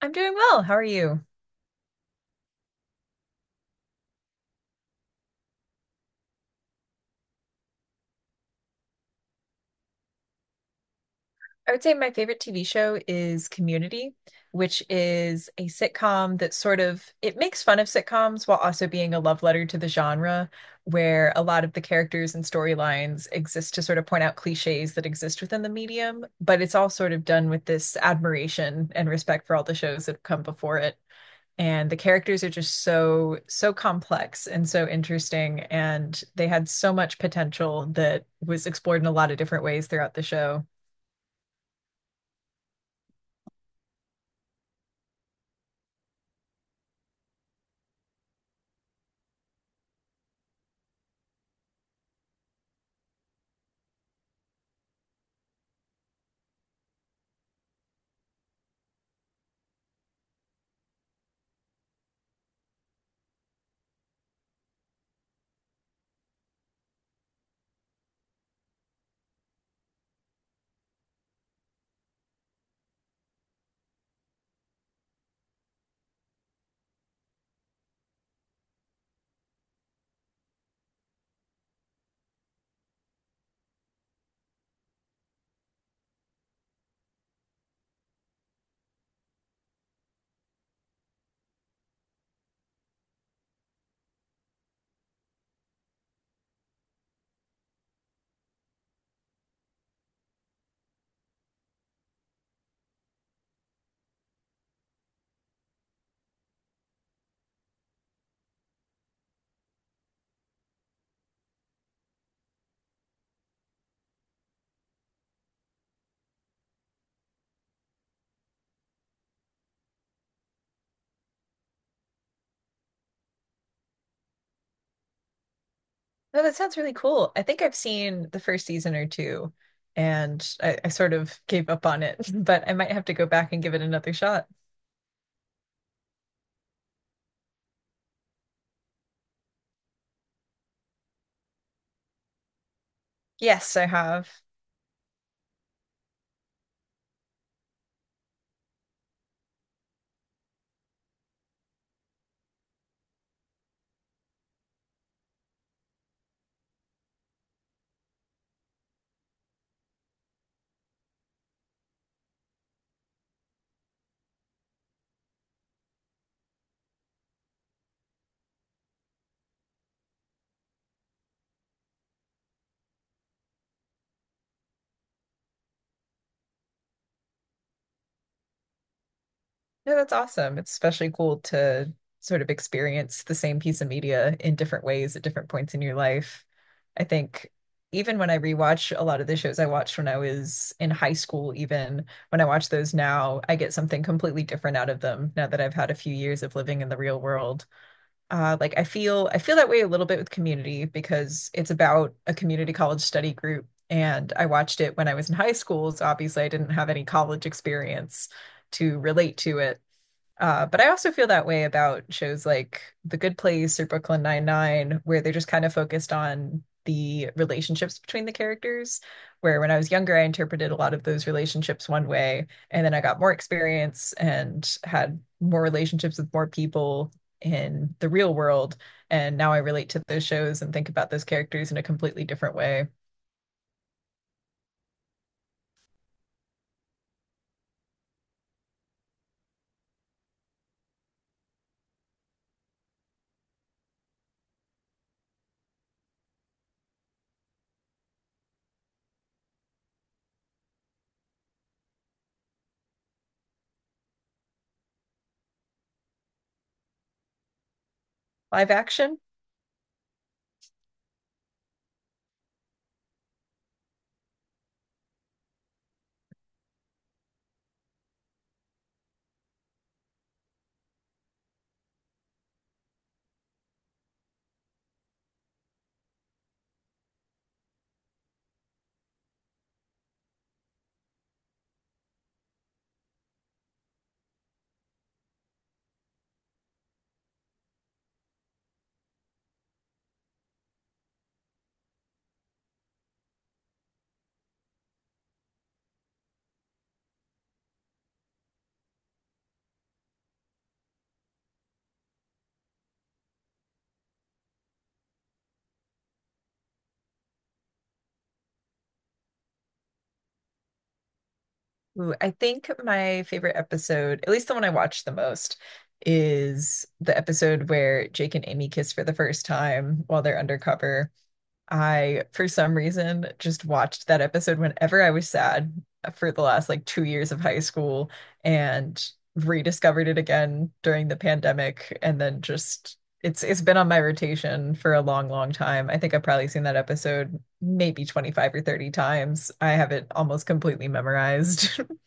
I'm doing well. How are you? I would say my favorite TV show is Community, which is a sitcom that sort of it makes fun of sitcoms while also being a love letter to the genre, where a lot of the characters and storylines exist to sort of point out cliches that exist within the medium, but it's all sort of done with this admiration and respect for all the shows that have come before it. And the characters are just so complex and so interesting, and they had so much potential that was explored in a lot of different ways throughout the show. No, that sounds really cool. I think I've seen the first season or two, and I sort of gave up on it, but I might have to go back and give it another shot. Yes, I have. No, that's awesome. It's especially cool to sort of experience the same piece of media in different ways at different points in your life. I think even when I rewatch a lot of the shows I watched when I was in high school, even when I watch those now, I get something completely different out of them now that I've had a few years of living in the real world. Like I feel that way a little bit with Community because it's about a community college study group. And I watched it when I was in high school, so obviously I didn't have any college experience to relate to it. But I also feel that way about shows like The Good Place or Brooklyn Nine-Nine, where they're just kind of focused on the relationships between the characters. Where when I was younger, I interpreted a lot of those relationships one way, and then I got more experience and had more relationships with more people in the real world. And now I relate to those shows and think about those characters in a completely different way. Live action. Ooh, I think my favorite episode, at least the one I watched the most, is the episode where Jake and Amy kiss for the first time while they're undercover. I, for some reason, just watched that episode whenever I was sad for the last like 2 years of high school, and rediscovered it again during the pandemic. And then just it's been on my rotation for a long, long time. I think I've probably seen that episode maybe 25 or 30 times. I have it almost completely memorized.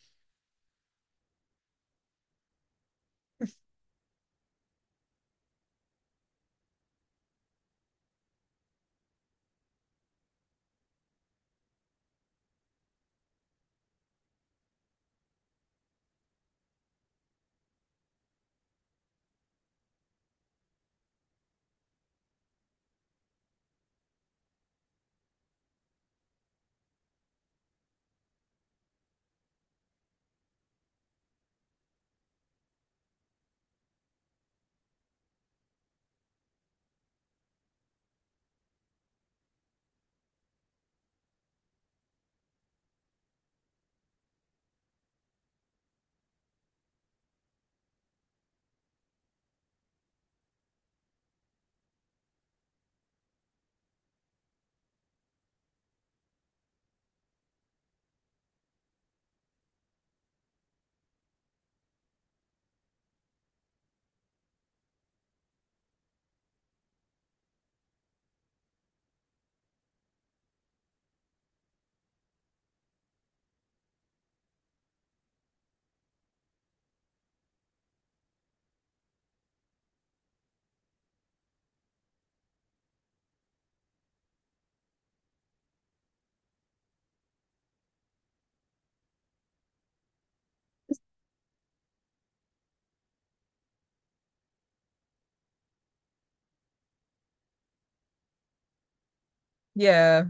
Yeah.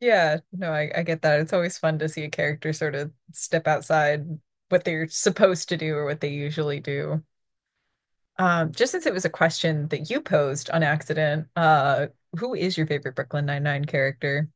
Yeah. No, I get that. It's always fun to see a character sort of step outside what they're supposed to do or what they usually do. Just since it was a question that you posed on accident, who is your favorite Brooklyn Nine-Nine character?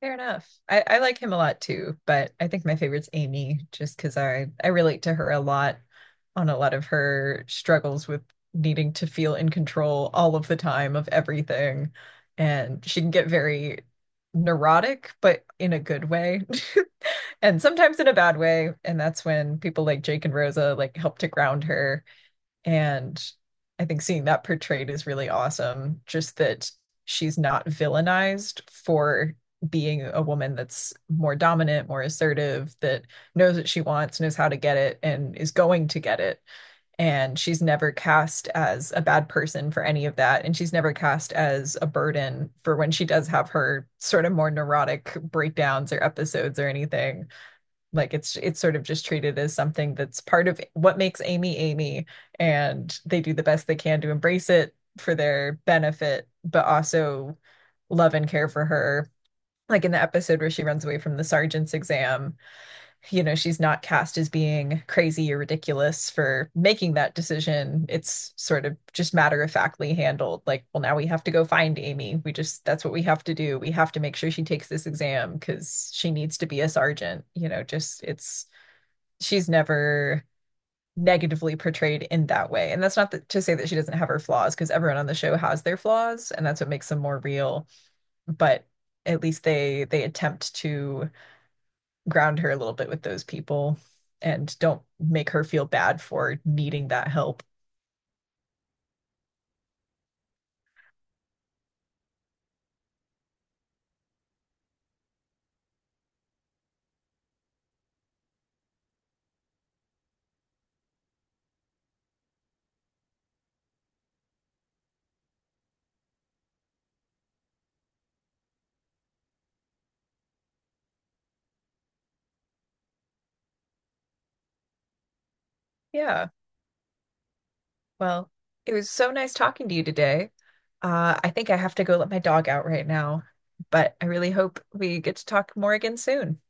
Fair enough. I like him a lot too, but I think my favorite's Amy just because I relate to her a lot on a lot of her struggles with needing to feel in control all of the time of everything. And she can get very neurotic, but in a good way, and sometimes in a bad way. And that's when people like Jake and Rosa like help to ground her, and I think seeing that portrayed is really awesome. Just that she's not villainized for being a woman that's more dominant, more assertive, that knows what she wants, knows how to get it, and is going to get it. And she's never cast as a bad person for any of that. And she's never cast as a burden for when she does have her sort of more neurotic breakdowns or episodes or anything. Like it's sort of just treated as something that's part of what makes Amy Amy, and they do the best they can to embrace it for their benefit, but also love and care for her. Like in the episode where she runs away from the sergeant's exam, you know, she's not cast as being crazy or ridiculous for making that decision. It's sort of just matter of factly handled. Like, well, now we have to go find Amy. We just, that's what we have to do. We have to make sure she takes this exam because she needs to be a sergeant. You know, just it's she's never negatively portrayed in that way. And that's not to say that she doesn't have her flaws, because everyone on the show has their flaws, and that's what makes them more real. But at least they attempt to ground her a little bit with those people and don't make her feel bad for needing that help. Yeah. Well, it was so nice talking to you today. I think I have to go let my dog out right now, but I really hope we get to talk more again soon.